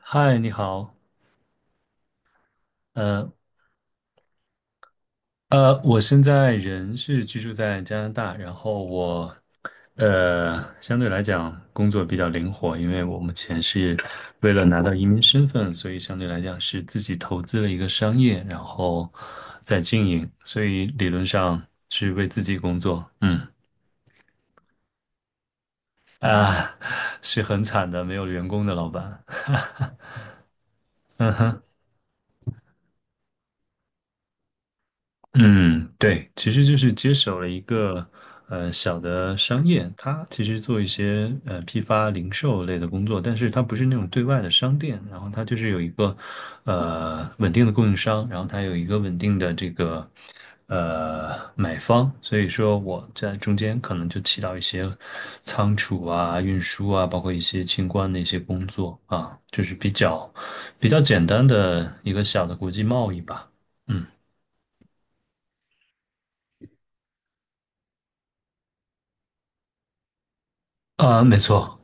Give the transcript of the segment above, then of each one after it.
嗨，你好。呃我现在人是居住在加拿大，然后我呃相对来讲工作比较灵活，因为我目前是为了拿到移民身份，所以相对来讲是自己投资了一个商业，然后在经营，所以理论上是为自己工作。嗯，啊，是很惨的，没有员工的老板。嗯，对，其实就是接手了一个小的商业，它其实做一些批发零售类的工作，但是它不是那种对外的商店，然后它就是有一个稳定的供应商，然后它有一个稳定的这个买方，所以说我在中间可能就起到一些仓储啊、运输啊，包括一些清关的一些工作啊，就是比较简单的一个小的国际贸易吧。嗯，啊，没错。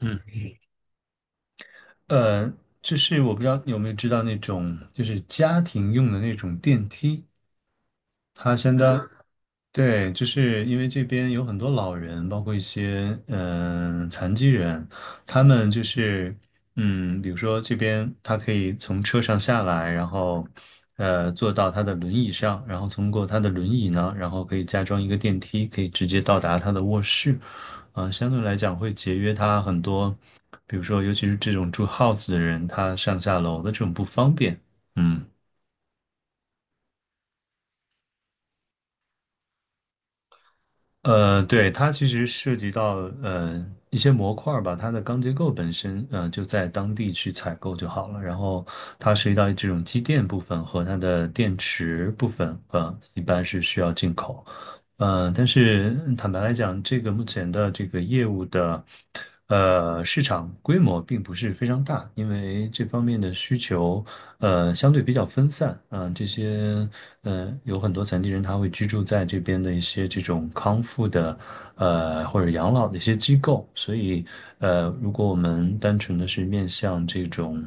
嗯。呃，就是我不知道你有没有知道那种，就是家庭用的那种电梯，他相当对，就是因为这边有很多老人，包括一些嗯、残疾人，他们就是嗯，比如说这边他可以从车上下来，然后坐到他的轮椅上，然后通过他的轮椅呢，然后可以加装一个电梯，可以直接到达他的卧室。啊、相对来讲会节约他很多，比如说尤其是这种住 house 的人，他上下楼的这种不方便。嗯。对，它其实涉及到一些模块儿吧，它的钢结构本身就在当地去采购就好了。然后它涉及到这种机电部分和它的电池部分，一般是需要进口。但是嗯坦白来讲，这个目前的这个业务的市场规模并不是非常大，因为这方面的需求相对比较分散啊。这些嗯，有很多残疾人他会居住在这边的一些这种康复的或者养老的一些机构，所以如果我们单纯的是面向这种。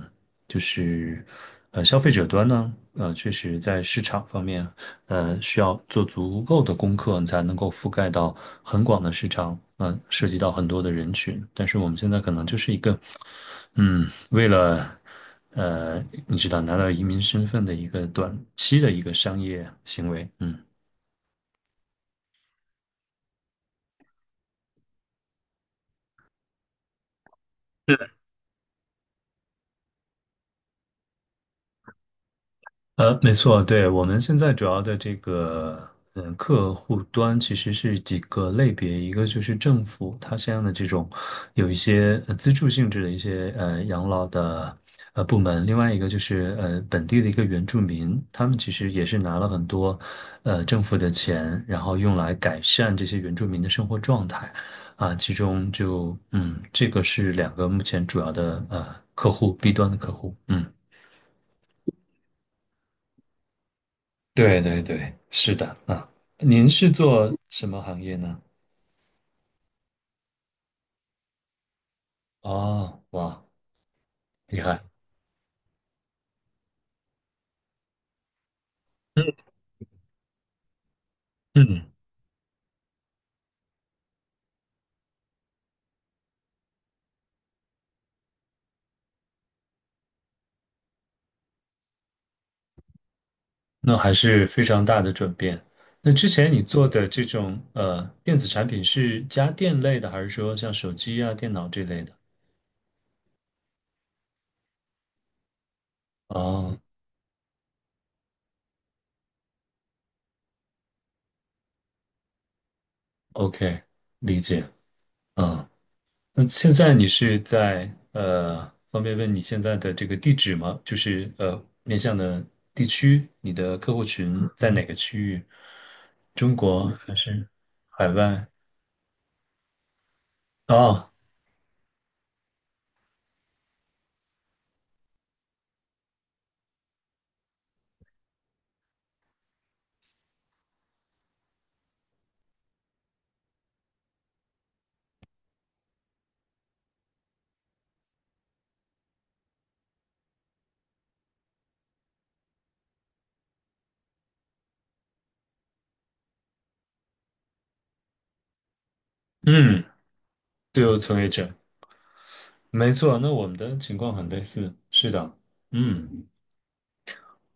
就是消费者端呢，确实在市场方面，需要做足够的功课，你才能够覆盖到很广的市场，嗯、涉及到很多的人群。但是我们现在可能就是一个，嗯，为了你知道拿到移民身份的一个短期的一个商业行为，嗯。没错，对，我们现在主要的这个，嗯，客户端其实是几个类别，一个就是政府它相应的这种有一些资助性质的一些养老的部门，另外一个就是本地的一个原住民，他们其实也是拿了很多政府的钱，然后用来改善这些原住民的生活状态。啊，其中就嗯，这个是两个目前主要的客户，B 端的客户，嗯。对对对，是的啊。您是做什么行业呢？哦，哇，厉害。嗯，那还是非常大的转变。那之前你做的这种电子产品是家电类的，还是说像手机啊、电脑这类的？哦，OK，理解。嗯，那现在你是在方便问你现在的这个地址吗？就是面向的地区，你的客户群在哪个区域？中国还是海外？哦，嗯，自由从业者，没错。那我们的情况很类似，是的，嗯。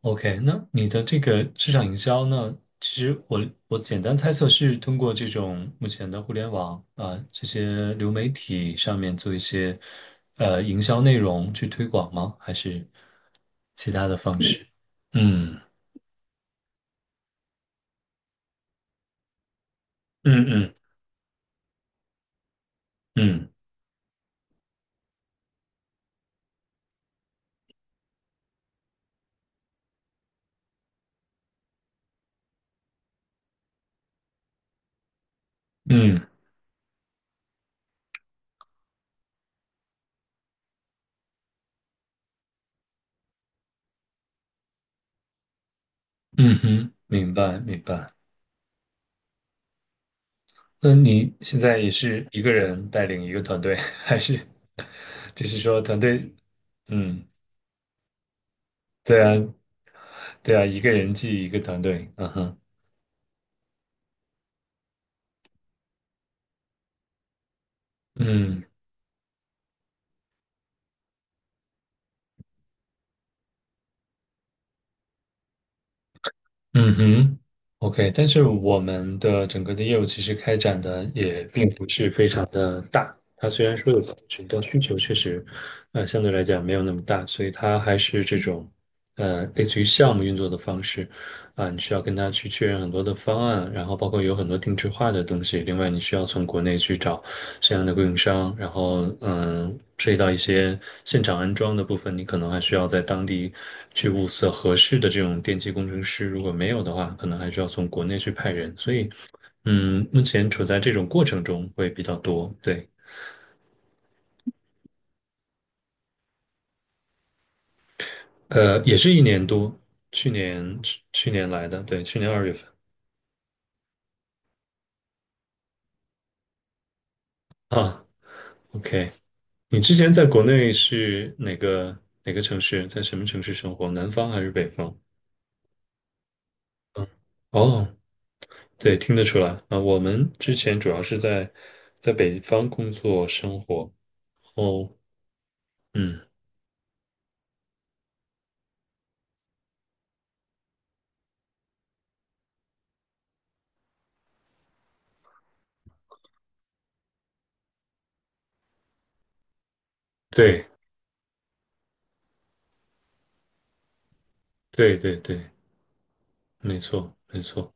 OK，那你的这个市场营销呢？其实我简单猜测是通过这种目前的互联网啊、这些流媒体上面做一些营销内容去推广吗？还是其他的方式？嗯嗯嗯嗯嗯嗯哼，明白明白。那你现在也是一个人带领一个团队，还是就是说团队？嗯，对啊对啊，一个人记一个团队。嗯哼。嗯嗯哼，OK，但是我们的整个的业务其实开展的也并不是非常的大。它虽然说有客群，但需求确实，相对来讲没有那么大，所以它还是这种，类似于项目运作的方式。啊，你需要跟他去确认很多的方案，然后包括有很多定制化的东西。另外，你需要从国内去找相应的供应商，然后嗯，涉及到一些现场安装的部分，你可能还需要在当地去物色合适的这种电气工程师。如果没有的话，可能还需要从国内去派人。所以嗯，目前处在这种过程中会比较多。对，也是一年多。去年来的，对，去年二月份啊。OK。你之前在国内是哪个哪个城市，在什么城市生活？南方还是北方？嗯，哦，对，听得出来啊。我们之前主要是在北方工作生活。哦，嗯，对对，没错没错。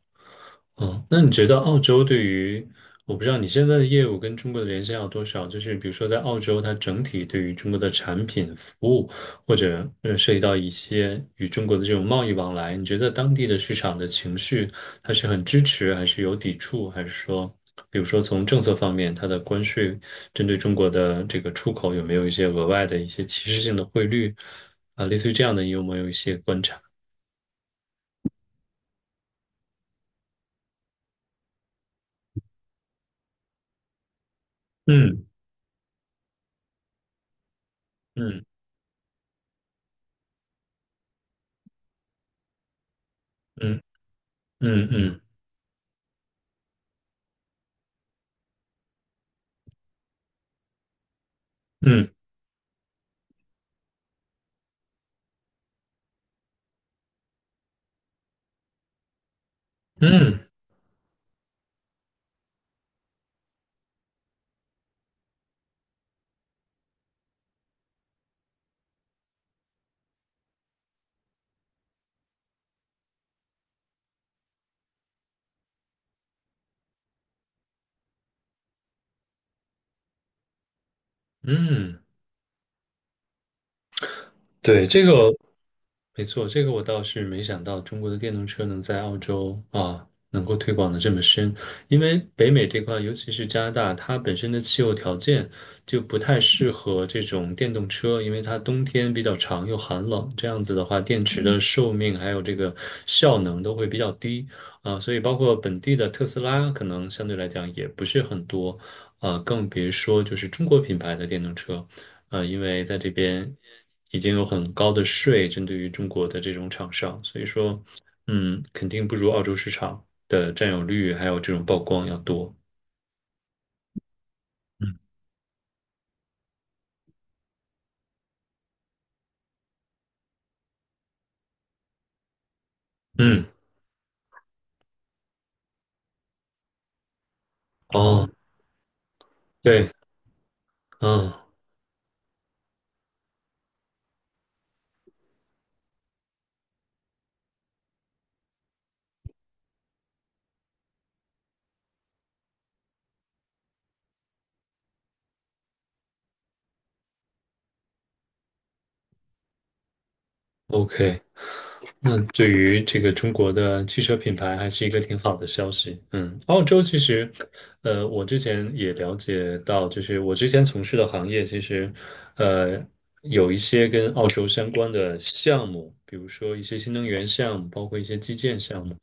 嗯，那你觉得澳洲对于，我不知道你现在的业务跟中国的联系要多少？就是比如说在澳洲，它整体对于中国的产品、服务，或者涉及到一些与中国的这种贸易往来，你觉得当地的市场的情绪，它是很支持，还是有抵触，还是说，比如说从政策方面，它的关税针对中国的这个出口有没有一些额外的一些歧视性的汇率啊，类似于这样的，你有没有一些观察？嗯嗯嗯嗯嗯嗯嗯。嗯嗯，对，这个没错，这个我倒是没想到中国的电动车能在澳洲啊能够推广的这么深，因为北美这块，尤其是加拿大，它本身的气候条件就不太适合这种电动车，因为它冬天比较长又寒冷，这样子的话，电池的寿命还有这个效能都会比较低啊，所以包括本地的特斯拉，可能相对来讲也不是很多。啊，更别说就是中国品牌的电动车。因为在这边已经有很高的税针对于中国的这种厂商，所以说嗯，肯定不如澳洲市场的占有率还有这种曝光要多。嗯，嗯哦，对，嗯，OK，那对于这个中国的汽车品牌还是一个挺好的消息。嗯，澳洲其实，我之前也了解到，就是我之前从事的行业，其实，呃，有一些跟澳洲相关的项目，比如说一些新能源项目，包括一些基建项目。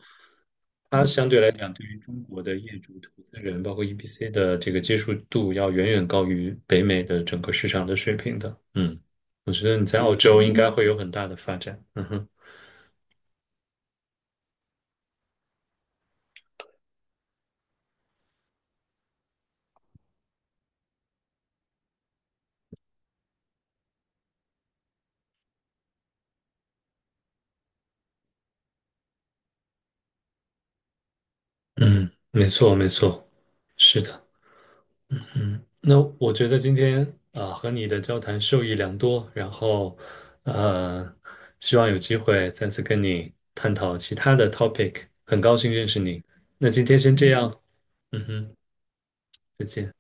它相对来讲，对于中国的业主、投资人，包括 EPC 的这个接受度，要远远高于北美的整个市场的水平的。嗯，我觉得你在澳洲应该会有很大的发展。嗯哼。嗯，没错，没错，是的，嗯，那我觉得今天啊、和你的交谈受益良多，然后呃，希望有机会再次跟你探讨其他的 topic，很高兴认识你。那今天先这样，嗯哼，再见。